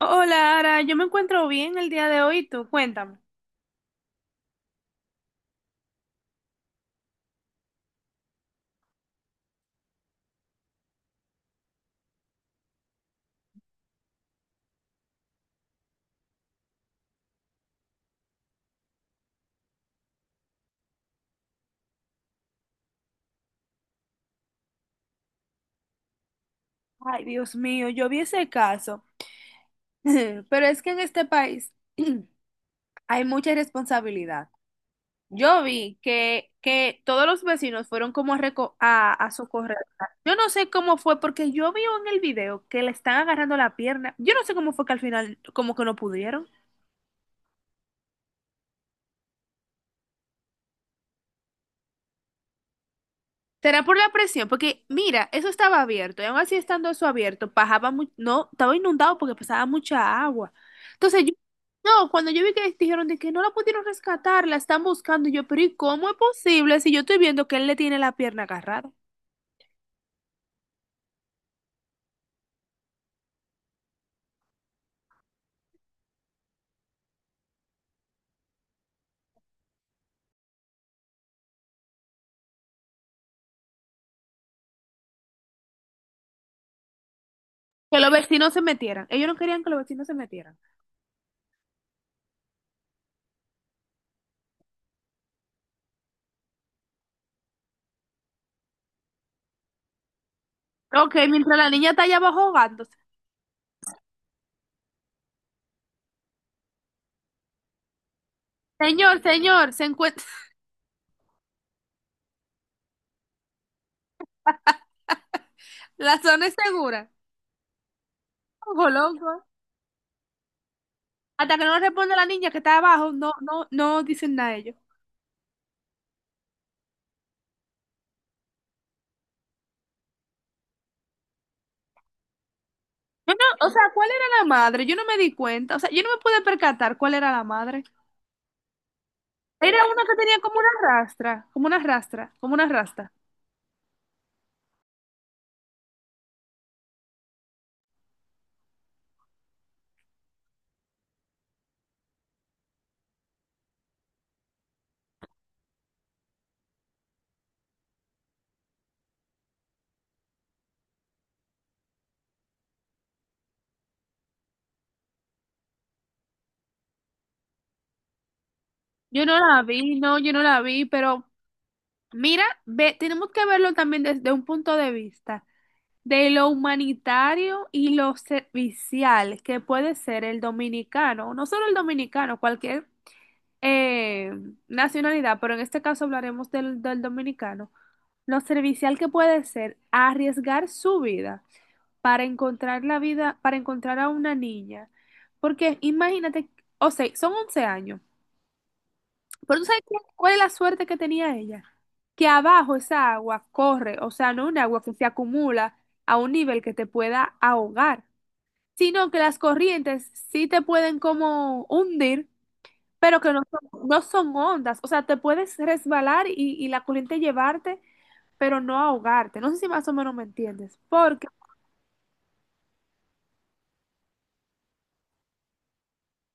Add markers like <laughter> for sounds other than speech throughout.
Hola, Ara, yo me encuentro bien el día de hoy, tú cuéntame. Ay, Dios mío, yo vi ese caso, <laughs> pero es que en este país <clears throat> hay mucha irresponsabilidad. Yo vi que todos los vecinos fueron como a socorrer. Yo no sé cómo fue, porque yo vi en el video que le están agarrando la pierna. Yo no sé cómo fue que al final como que no pudieron. Será por la presión, porque mira, eso estaba abierto, y aún así estando eso abierto, bajaba mucho, no, estaba inundado porque pasaba mucha agua. Entonces yo, no, cuando yo vi que dijeron de que no la pudieron rescatar, la están buscando, y yo, pero ¿y cómo es posible si yo estoy viendo que él le tiene la pierna agarrada? Que los vecinos se metieran. Ellos no querían que los vecinos se metieran. Ok, mientras la niña está allá abajo ahogándose. Señor, señor, se encuentra, <laughs> la zona es segura. Ojo, loco. Hasta que no responde la niña que está abajo, no dicen nada ellos. Yo no, o sea, ¿cuál era la madre? Yo no me di cuenta. O sea, yo no me pude percatar cuál era la madre. Era una que tenía como una rastra, como una rastra, como una rasta. Yo no la vi, no, yo no la vi, pero mira, ve, tenemos que verlo también desde un punto de vista de lo humanitario y lo servicial que puede ser el dominicano, no solo el dominicano, cualquier eh, nacionalidad, pero en este caso hablaremos del dominicano, lo servicial que puede ser arriesgar su vida para encontrar la vida, para encontrar a una niña. Porque imagínate, o sea, son 11 años, pero tú sabes cuál es la suerte que tenía ella. Que abajo esa agua corre, o sea, no un agua que se acumula a un nivel que te pueda ahogar, sino que las corrientes sí te pueden como hundir, pero que no son ondas, o sea, te puedes resbalar y la corriente llevarte pero no ahogarte. No sé si más o menos me entiendes, porque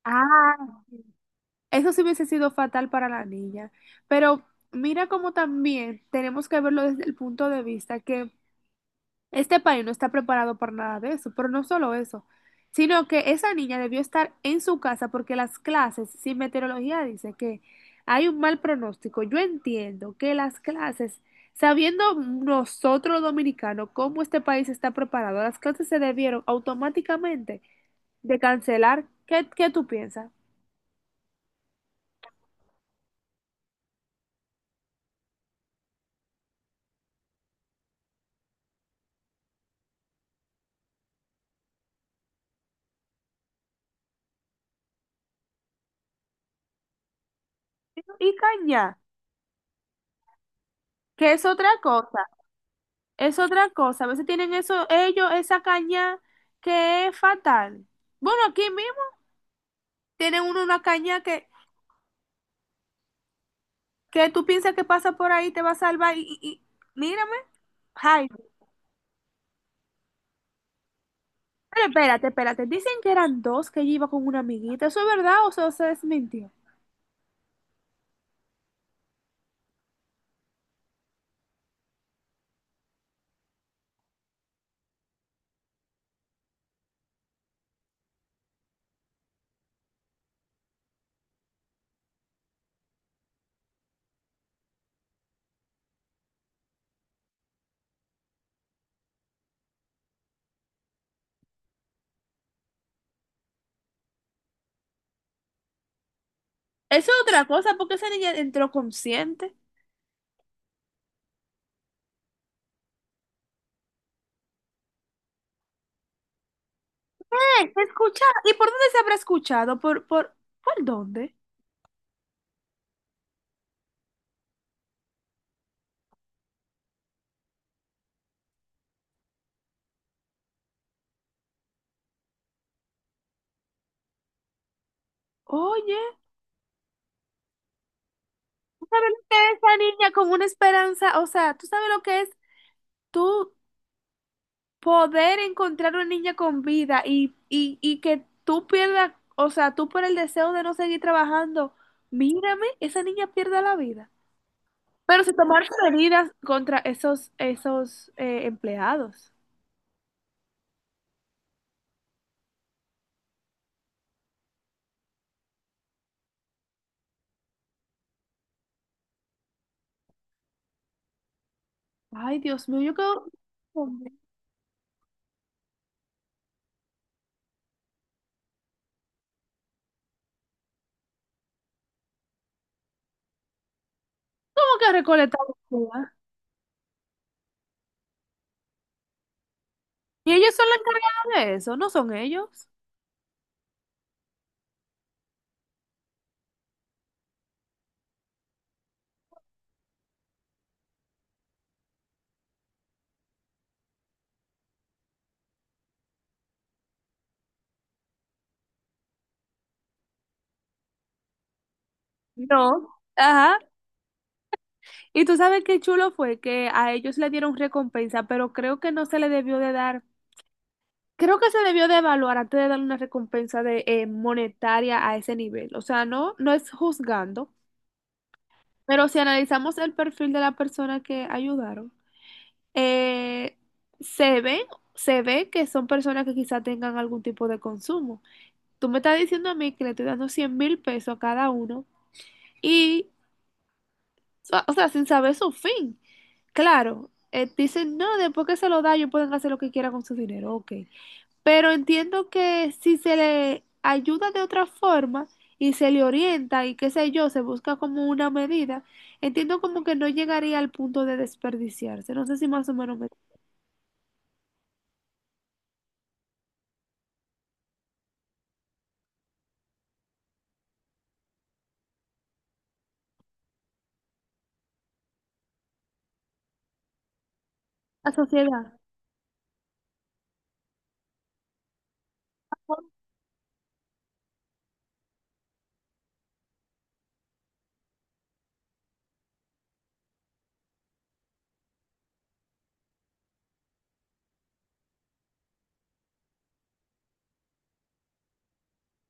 ah, eso sí hubiese sido fatal para la niña. Pero mira cómo también tenemos que verlo desde el punto de vista que este país no está preparado para nada de eso, pero no solo eso, sino que esa niña debió estar en su casa porque las clases, sin meteorología dice que hay un mal pronóstico. Yo entiendo que las clases, sabiendo nosotros los dominicanos cómo este país está preparado, las clases se debieron automáticamente de cancelar. ¿Qué, qué tú piensas? Y caña, que es otra cosa, es otra cosa. A veces tienen eso, ellos, esa caña que es fatal. Bueno, aquí mismo tienen uno una caña que tú piensas que pasa por ahí, te va a salvar mírame. Ay, pero espérate, espérate. Dicen que eran dos que ella iba con una amiguita. ¿Eso es verdad o eso se desmintió? Eso es otra cosa, porque esa niña entró consciente. Escucha, ¿y por dónde se habrá escuchado? ¿ por dónde? Oye. ¿Sabes lo que es la niña con una esperanza? O sea, ¿tú sabes lo que es tú poder encontrar una niña con vida y, y que tú pierdas, o sea, tú por el deseo de no seguir trabajando, mírame, esa niña pierda la vida. Pero se tomaron medidas contra esos empleados. Ay, Dios mío, yo quedo... ¿Cómo que recolectar basura? ¿Y ellos son los encargados de eso? ¿No son ellos? No. Ajá. Y tú sabes qué chulo fue que a ellos le dieron recompensa, pero creo que no se le debió de dar, creo que se debió de evaluar antes de darle una recompensa de monetaria a ese nivel. O sea, no, no es juzgando, pero si analizamos el perfil de la persona que ayudaron, eh, se ve, se ve que son personas que quizá tengan algún tipo de consumo. Tú me estás diciendo a mí que le estoy dando 100,000 pesos a cada uno y o sea, sin saber su fin. Claro, dicen, no, después que se lo da, ellos pueden hacer lo que quieran con su dinero, ok. Pero entiendo que si se le ayuda de otra forma y se le orienta y qué sé yo, se busca como una medida, entiendo como que no llegaría al punto de desperdiciarse. No sé si más o menos me... La sociedad.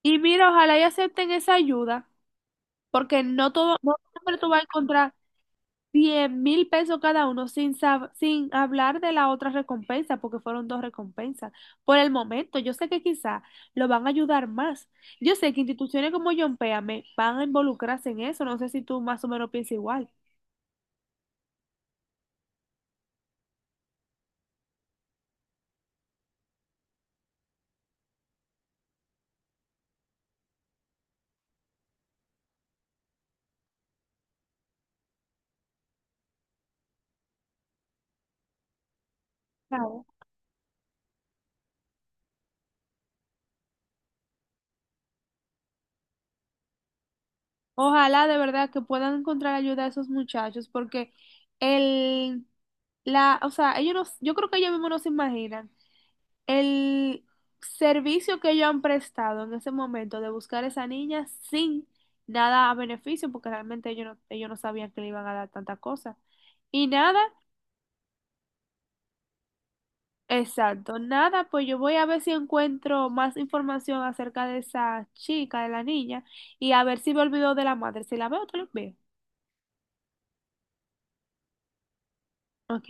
Y mira, ojalá y acepten esa ayuda, porque no todo, no siempre tú vas a encontrar 100,000 pesos cada uno, sin hablar de la otra recompensa, porque fueron dos recompensas. Por el momento, yo sé que quizá lo van a ayudar más. Yo sé que instituciones como John Péame van a involucrarse en eso. No sé si tú más o menos piensas igual. Claro. Ojalá de verdad que puedan encontrar ayuda a esos muchachos, porque el, la, o sea, ellos no- yo creo que ellos mismos no se imaginan el servicio que ellos han prestado en ese momento de buscar a esa niña sin nada a beneficio, porque realmente ellos no sabían que le iban a dar tanta cosa. Y nada, exacto, nada, pues yo voy a ver si encuentro más información acerca de esa chica, de la niña, y a ver si me olvido de la madre. Si la veo, te lo veo. Ok.